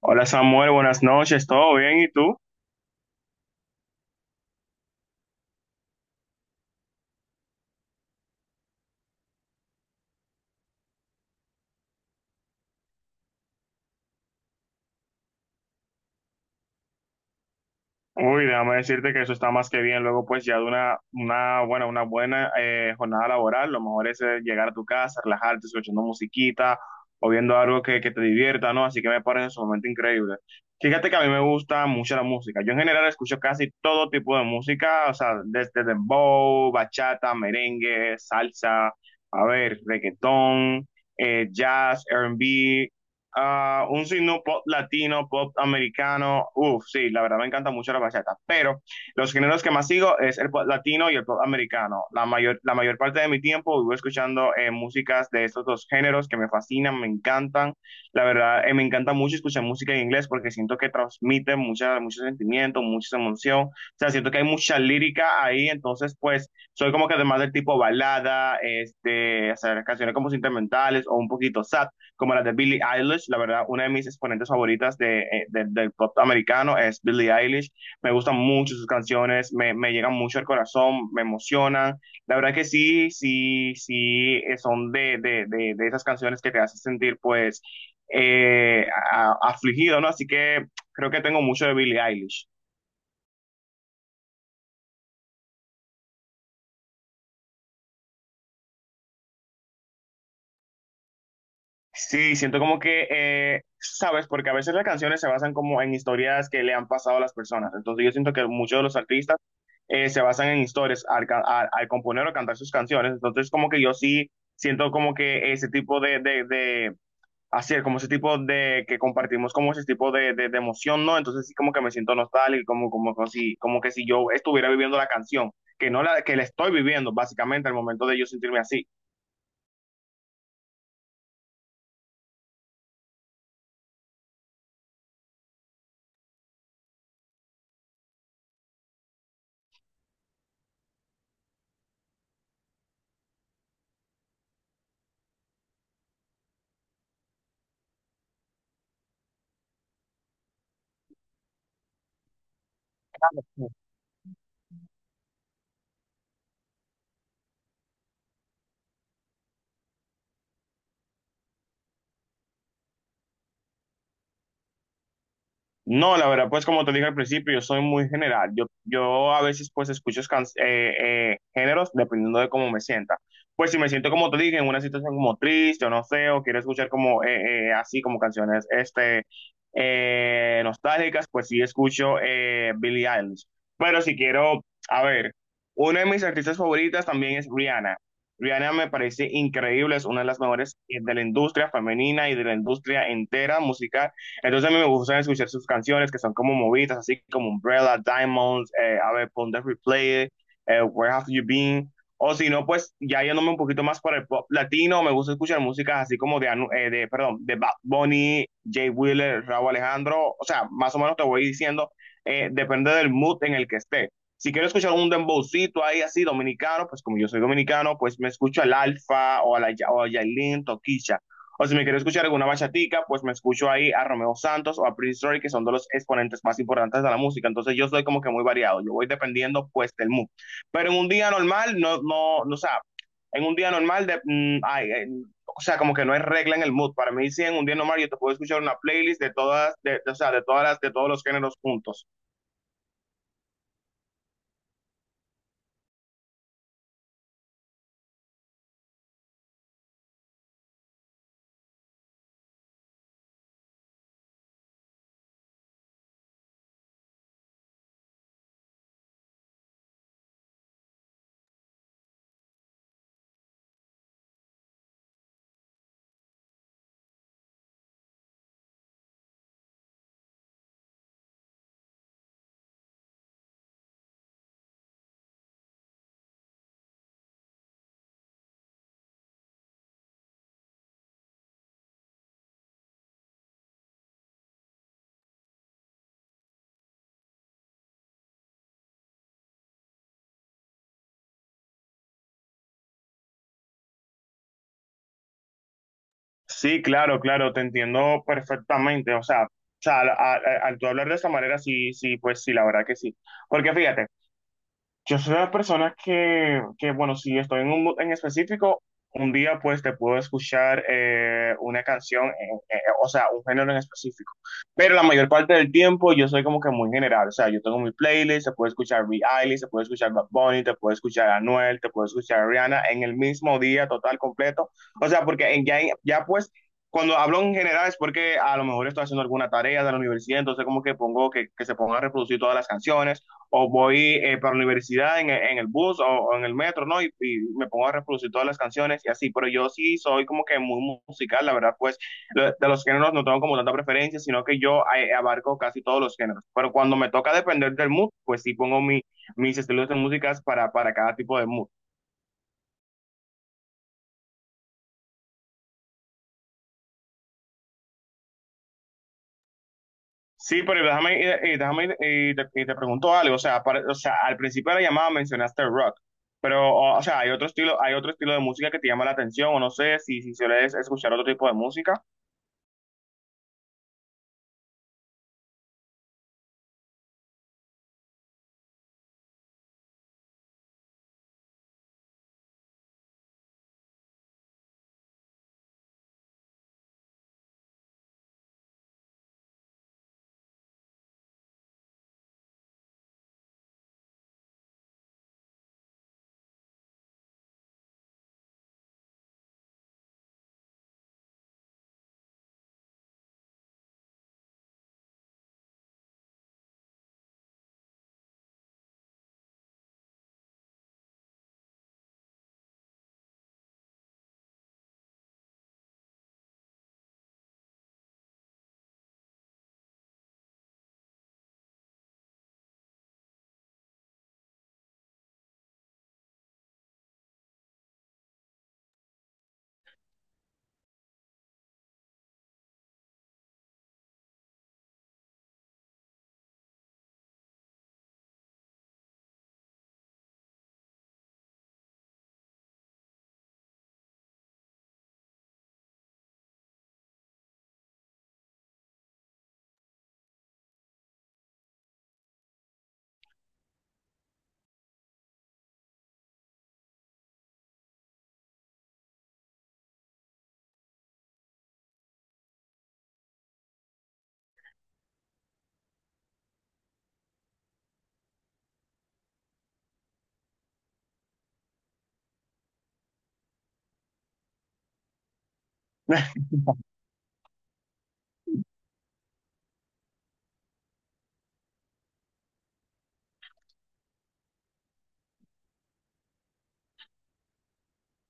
Hola Samuel, buenas noches, ¿todo bien? ¿Y tú? Uy, déjame decirte que eso está más que bien. Luego, pues ya de una buena, una buena jornada laboral, lo mejor es llegar a tu casa, relajarte, escuchando musiquita o viendo algo que te divierta, ¿no? Así que me parece sumamente increíble. Fíjate que a mí me gusta mucho la música. Yo en general escucho casi todo tipo de música, o sea, desde dembow, bachata, merengue, salsa, a ver, reggaetón, jazz, R&B. Ah, un signo pop latino, pop americano. Uf, sí, la verdad me encanta mucho la bachata. Pero los géneros que más sigo es el pop latino y el pop americano. La mayor parte de mi tiempo vivo escuchando músicas de estos dos géneros que me fascinan, me encantan. La verdad, me encanta mucho escuchar música en inglés porque siento que transmite mucha, mucho sentimiento, mucha emoción. O sea, siento que hay mucha lírica ahí. Entonces, pues, soy como que además del tipo balada, este, hacer canciones como sentimentales o un poquito sad como las de Billie Eilish. La verdad, una de mis exponentes favoritas de, del pop americano es Billie Eilish. Me gustan mucho sus canciones, me llegan mucho al corazón, me emocionan. La verdad que sí, sí, sí, son de esas canciones que te hacen sentir pues eh, afligido, ¿no? Así que creo que tengo mucho de Billie Eilish. Sí, siento como que, sabes, porque a veces las canciones se basan como en historias que le han pasado a las personas. Entonces yo siento que muchos de los artistas se basan en historias al componer o cantar sus canciones. Entonces como que yo sí siento como que ese tipo de hacer, como ese tipo de, que compartimos como ese tipo de emoción, ¿no? Entonces sí como que me siento nostálgico, como, como, como si, como que si yo estuviera viviendo la canción, que no la, que la estoy viviendo básicamente al momento de yo sentirme así. No, la verdad, pues como te dije al principio, yo soy muy general. Yo a veces pues escucho géneros dependiendo de cómo me sienta. Pues si me siento como te dije, en una situación como triste o no sé, o quiero escuchar como así como canciones este, nostálgicas, pues sí escucho Billie Eilish. Pero si quiero, a ver, una de mis artistas favoritas también es Rihanna. Rihanna me parece increíble, es una de las mejores de la industria femenina y de la industria entera musical. Entonces a mí me gusta escuchar sus canciones que son como movidas, así como Umbrella, Diamonds, a ver, Pon Replay, Where Have You Been? O si no, pues ya yéndome un poquito más para el pop latino, me gusta escuchar músicas así como de, perdón, de Bad Bunny, Jay Wheeler, Raúl Alejandro, o sea, más o menos te voy diciendo, depende del mood en el que esté. Si quiero escuchar un dembowcito ahí así dominicano, pues como yo soy dominicano, pues me escucho al Alfa o a Yailin, Toquicha. O si me quiero escuchar alguna bachatica, pues me escucho ahí a Romeo Santos o a Prince Roy, que son de los exponentes más importantes de la música. Entonces yo soy como que muy variado, yo voy dependiendo pues del mood. Pero en un día normal, no, no, no, o sea, en un día normal, o sea, como que no hay regla en el mood. Para mí, sí, en un día normal yo te puedo escuchar una playlist de todas, o sea, de todas las, de todos los géneros juntos. Sí, claro, claro, te entiendo perfectamente. O sea, al tú hablar de esa manera, sí, sí, pues sí, la verdad que sí. Porque fíjate, yo soy una persona bueno, si estoy en un mood en específico, un día pues te puedo escuchar una canción, o sea, un género en específico. Pero la mayor parte del tiempo yo soy como que muy general, o sea, yo tengo mi playlist, se puede escuchar Billie Eilish, se puede escuchar Bad Bunny, te puede escuchar Anuel, te puede escuchar Rihanna en el mismo día total, completo. O sea, porque en, ya pues... Cuando hablo en general es porque a lo mejor estoy haciendo alguna tarea de la universidad, entonces como que pongo que se ponga a reproducir todas las canciones o voy para la universidad en el bus o en el metro, ¿no? Y me pongo a reproducir todas las canciones y así, pero yo sí soy como que muy musical, la verdad, pues de los géneros no tengo como tanta preferencia, sino que yo abarco casi todos los géneros, pero cuando me toca depender del mood, pues sí pongo mi, mis estilos de músicas para cada tipo de mood. Sí, pero déjame, déjame te pregunto algo. O sea, o sea, al principio de la llamada mencionaste el rock, pero o sea, hay otro estilo de música que te llama la atención, o no sé si, si sueles escuchar otro tipo de música.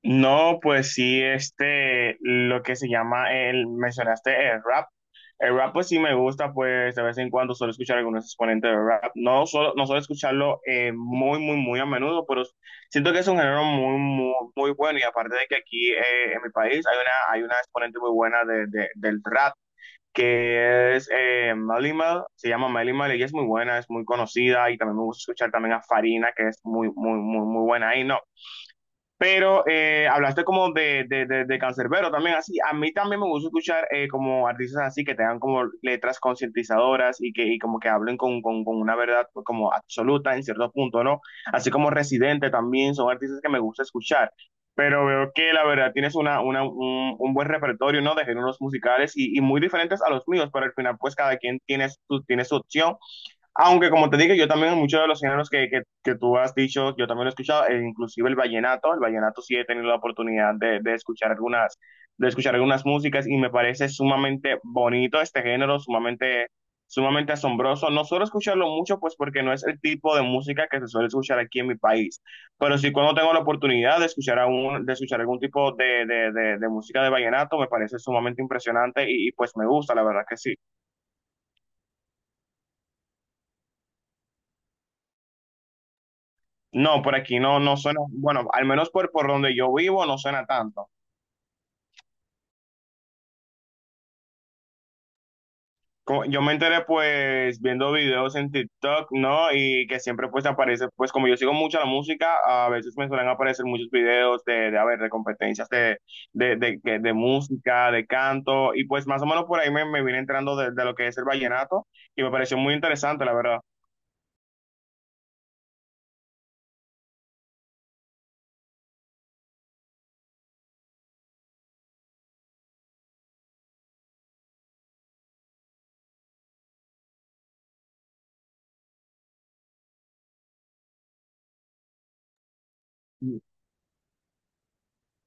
No, pues sí, este, lo que se llama el, mencionaste el rap. El rap, pues sí me gusta, pues de vez en cuando suelo escuchar algunos exponentes de rap. No solo, no suelo escucharlo muy, muy, muy a menudo, pero siento que es un género muy, muy, muy bueno. Y aparte de que aquí en mi país hay una exponente muy buena de, del rap, que es Malimal, se llama Malimal, y ella es muy buena, es muy conocida. Y también me gusta escuchar también a Farina, que es muy, muy, muy, muy buena ahí, ¿no? Pero hablaste como de cancerbero también, así. A mí también me gusta escuchar como artistas así que tengan como letras concientizadoras y que y como que hablen con, con una verdad pues, como absoluta en cierto punto, ¿no? Así como Residente también son artistas que me gusta escuchar. Pero veo que la verdad tienes una, un buen repertorio, ¿no? De géneros musicales y muy diferentes a los míos, pero al final pues cada quien tiene su opción aunque como te dije, yo también muchos de los géneros que tú has dicho, yo también lo he escuchado, e inclusive el vallenato sí he tenido la oportunidad de escuchar algunas músicas y me parece sumamente bonito este género, sumamente, sumamente asombroso. No suelo escucharlo mucho, pues porque no es el tipo de música que se suele escuchar aquí en mi país, pero sí cuando tengo la oportunidad de escuchar, de escuchar algún tipo de música de vallenato, me parece sumamente impresionante y pues me gusta, la verdad que sí. No, por aquí no, no suena, bueno, al menos por donde yo vivo no suena tanto. Co- Yo me enteré pues viendo videos en TikTok, ¿no? Y que siempre pues aparece, pues como yo sigo mucho la música, a veces me suelen aparecer muchos videos de a ver, de competencias de, de música, de canto, y pues más o menos por ahí me, me vine entrando de lo que es el vallenato y me pareció muy interesante, la verdad.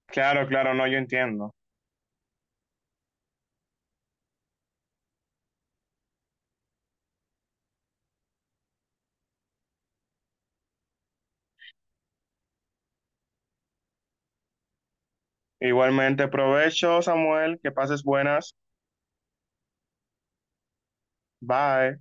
Claro, claro, no, yo entiendo. Igualmente, provecho, Samuel, que pases buenas. Bye.